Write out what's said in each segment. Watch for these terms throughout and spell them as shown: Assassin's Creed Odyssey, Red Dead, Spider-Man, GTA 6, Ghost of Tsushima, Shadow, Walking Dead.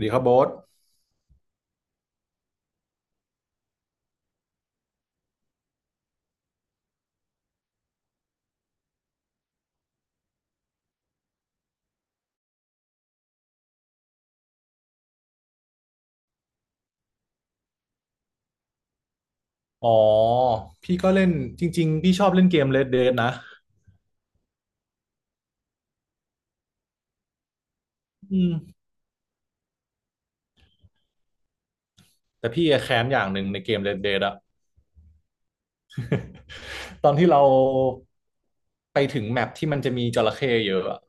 ดีครับโบ๊ทอ๋อ พี่ก็เล่นจริงๆพี่ชอบเล่นเกม Red Dead นะอืมแต่พี่แค้นอย่างหนึ่งในเกม Red Dead อะ ตอนที่เราไปถึงแมปที่มันจะมีจระเข้เยอะอะ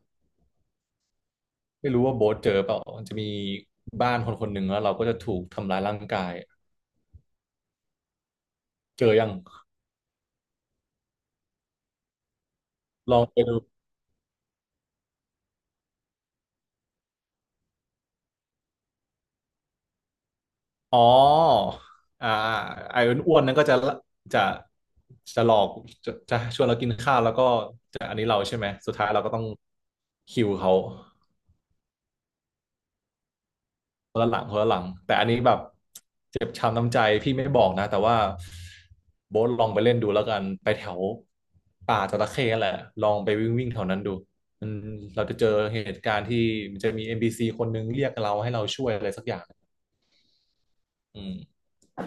ไม่รู้ว่าโบ๊ทเจอเปล่ามันจะมีบ้านคนคนหนึ่งแล้วเราก็จะถูกทำร้ายร่างกาย เจอยังลองไปดูอ๋ออ่าไอ้อ้วนๆนั้นก็จะจะจะหลอกจะชวนเรากินข้าวแล้วก็จะอันนี้เราใช่ไหม สุดท้ายเราก็ต้องคิวเขา คนละหลังคนละหลังแต่อันนี้แบบเจ็บช้ำน้ำใจพี่ไม่บอกนะแต่ว่าโบ๊ทลองไปเล่นดูแล้วกันไปแถวป่าจระเข้แหละลองไปวิ่งวิ่งแถวนั้นดูอืมเราจะเจอเหตุการณ์ที่มันจะมี n ซ c คนนึงเรียกเราให้เราช่วยอะไรสักอย่างอืม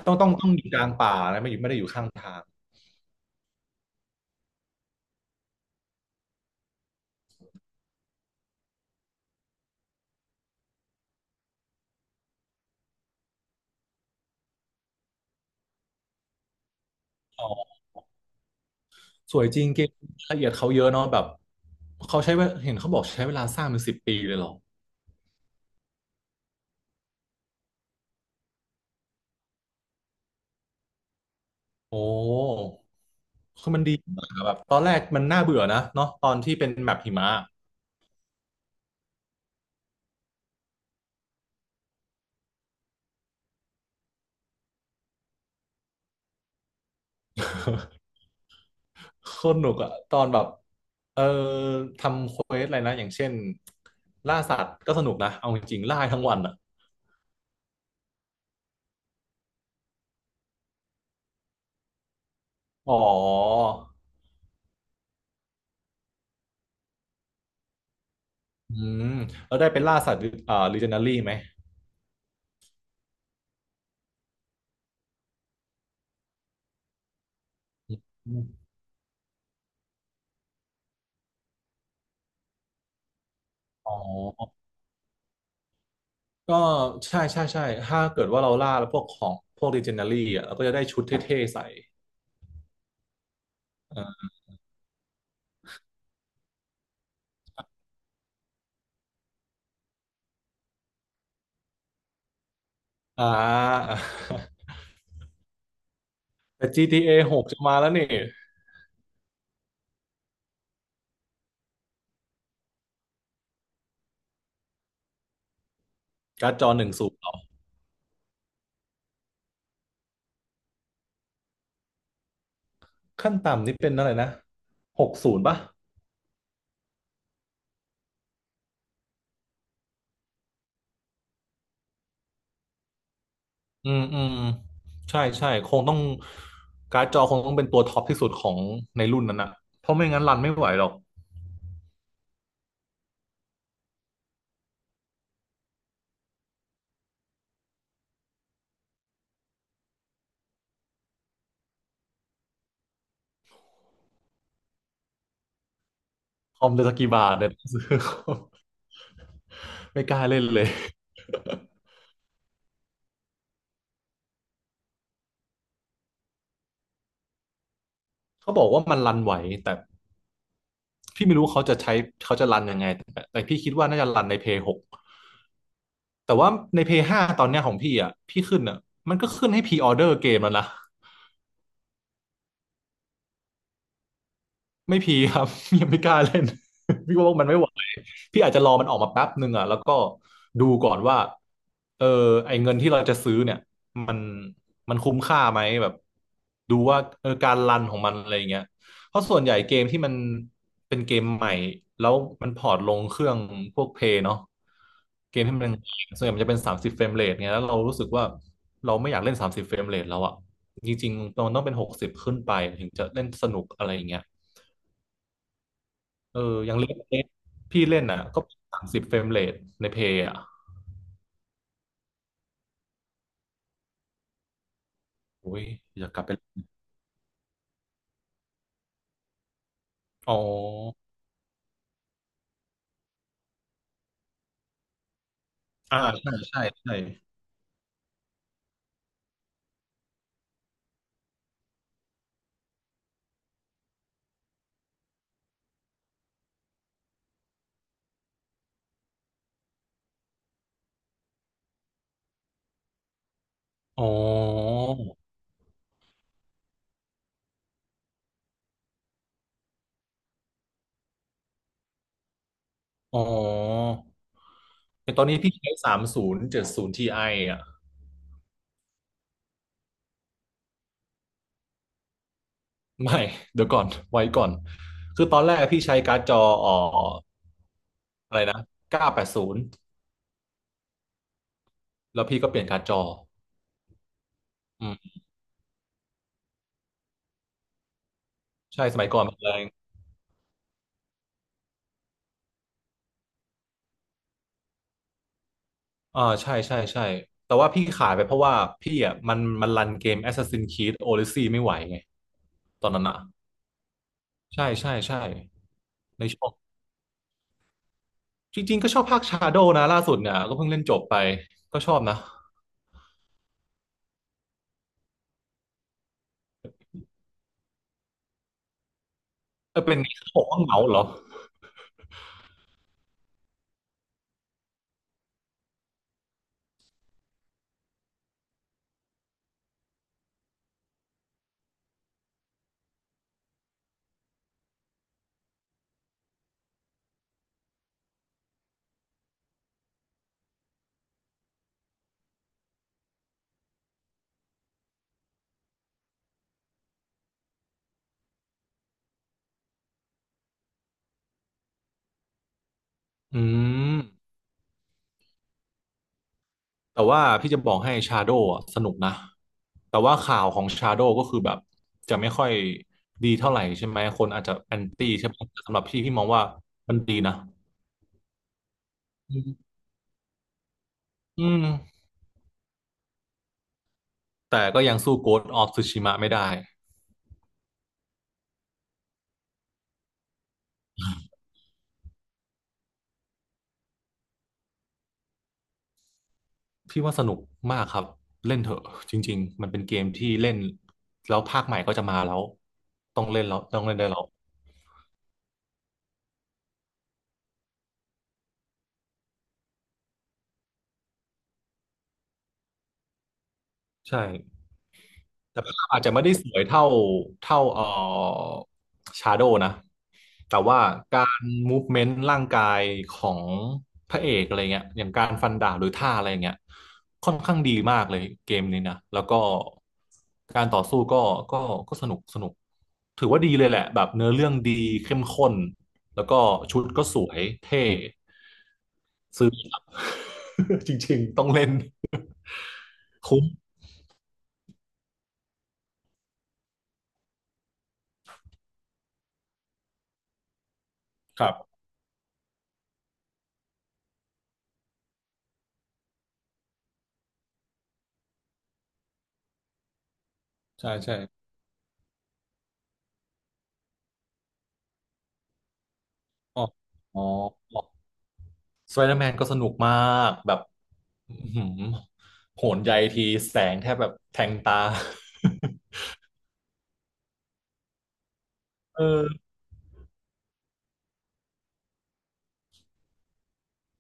ต้องอยู่กลางป่านะไม่อยู่ไม่ได้อยู่ข้างทางอ๋อสวยจริงเกมละเอียดเขาเยอะเนาะแบบเขาใช้เวลาเห็นเขาบอกใช้เวลาสร้างเป็นสิบปีเลยเหรอโอ้ คือมันดีมากอะแบบตอนแรกมันน่าเบื่อนะเนาะตอนที่เป็นแมปหิมะโคตรหนุกอะตอนแบบเออทำเควสอะไรนะอย่างเช่นล่าสัตว์ก็สนุกนะเอาจริงๆล่าทั้งวันอะอ๋ออืมแล้วได้เป็นล่าสัตว์อ่าลิเจนดารี่ไหมอืมอ๋อก็ใช่ใช่ใช่ถ้าเกิดว่าเราล่าแล้วพวกของพวกลิเจนดารี่อะเราก็จะได้ชุดเท่ๆใส่อ่าอ่า แต่ GTA 6จะมาแล้วนี่การ์ดจอหนึ่งศูนย์ ขั้นต่ำนี่เป็นอะไรนะหกศูนย์ป่ะอืมอืมใช่ใช่ คงต้องการ์ดจอคงต้องเป็นตัวท็อปที่สุดของในรุ่นนั้นอะเพราะไม่งั้นรันไม่ไหวหรอกคอมจะสกกี่บาทเนี่ยซื้อ ไม่กล้าเล่นเลย เขาบอกว่ามันรันไหวแต่พี่ไม่รู้เขาจะใช้เขาจะรันยังไงแต่พี่คิดว่าน่าจะรันในเพย์หกแต่ว่าในเพย์ห้าตอนเนี้ยของพี่อ่ะพี่ขึ้นอ่ะมันก็ขึ้นให้พ r ีออเดอร์เกมแล้วนะ ไม่พีครับ ยังไม่กล้าเล่น พี่ว่ามันไม่ไหวพี่อาจจะรอมันออกมาแป๊บหนึ่งอ่ะแล้วก็ดูก่อนว่าเออไอเงินที่เราจะซื้อเนี่ยมันมันคุ้มค่าไหมแบบดูว่าเออการรันของมันอะไรอย่างเงี้ยเพราะส่วนใหญ่เกมที่มันเป็นเกมใหม่แล้วมันพอร์ตลงเครื่องพวกเพย์เนาะเกมที่มันส่วนใหญ่มันจะเป็นสามสิบเฟรมเรทไงแล้วเรารู้สึกว่าเราไม่อยากเล่นสามสิบเฟรมเรทแล้วอ่ะจริงๆมันต้องเป็นหกสิบขึ้นไปถึงจะเล่นสนุกอะไรอย่างเงี้ย เอออย่างเลสเลสพี่เล่นอ่ะก็สามสิบเฟรมเรทในเพย์อ่ะโอ้ยอยากกลับไปเล่นอ๋ออ่าใช่ใช่ใช่อ๋อ อ๋อแต่ตอนนี้พี่ใช้สามศูนย์เจ็ดศูนย์ทีไออ่ะ ไม่ เดี๋ยวก่อน ไว้ก่อน คือตอนแรกพี่ใช้การ์ดจออ่ออะไรนะเก้าแปดศูนย์แล้วพี่ก็เปลี่ยนการ์ดจออืมใช่ สมัยก่อนมันเลย อ่าใช่ใช่ใช่แต่ว่าพี่ขายไปเพราะว่าพี่อ่ะมันมันรันเกม Assassin's Creed Odyssey ไม่ไหวไงตอนนั้นอ่ะใช่ใช่ใช่ในช่วงจริงๆก็ชอบภาค Shadow นะล่าสุดเนี่ยก็เพิ่งเล่นจบไปก็ชอบนะเออเป็นไงเขาบอกว่าเหงาเหรออืมแต่ว่าพี่จะบอกให้ Shadow อ่ะสนุกนะแต่ว่าข่าวของ Shadow ก็คือแบบจะไม่ค่อยดีเท่าไหร่ใช่ไหมคนอาจจะแอนตี้ใช่ไหมแต่สำหรับพี่พี่มองว่ามันดีนะอืม แต่ก็ยังสู้ Ghost of Tsushima ไม่ได้ พี่ว่าสนุกมากครับเล่นเถอะจริงๆมันเป็นเกมที่เล่นแล้วภาคใหม่ก็จะมาแล้วต้องเล่นแล้วต้องเล่นได้แล้วใช่แต่ภาพอาจจะไม่ได้สวยเท่าเท่าShadow นะ แต่ว่าการมูฟเมนต์ร่างกายของพระเอกอะไรเงี้ยอย่างการฟันดาบหรือท่าอะไรเงี้ยค่อนข้างดีมากเลยเกมนี้นะแล้วก็การต่อสู้ก็ก็ก็สนุกสนุกถือว่าดีเลยแหละแบบเนื้อเรื่องดีเข้มข้นแล้วก็ชุดก็สวยเท่ซื้อครับ จริงๆต้องเล่นคุ้มครับใช่ใช่อ๋ออ๋อสไปเดอร์แมนก็สนุกมากแบบ อื้อหือโหนใยทีแสงแทบแบบแทงตาเออ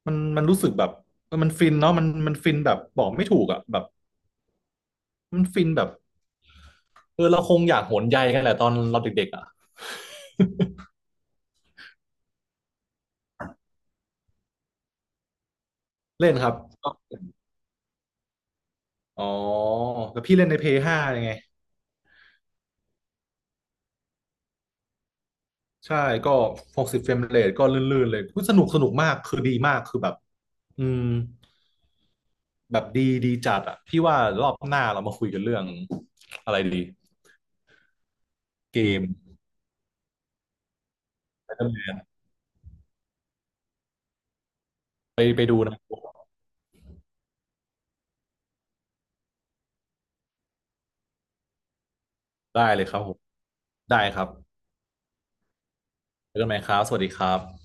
มันมันรู้สึกแบบเออมันฟินเนาะมันมันฟินแบบบอกไม่ถูกอ่ะแบบมันฟินแบบเออเราคงอยากโหนใยกันแหละตอนเราเด็กๆอ่ะเล่นครับอ๋อแล้วพี่เล่นในเพ a y 5ยังไงใช่ก็60เฟรมเรทก็ลื่นๆเลยอุ๊ยสนุกสนุกมากคือดีมากคือแบบอืมแบบดีดีจัดอ่ะพี่ว่ารอบหน้าเรามาคุยกันเรื่องอะไรดีเกม Spider-Man ไปไปดูนะได้เลยครับผม ได้ครับเจอกันใหม่ครับ สวัสดีครับ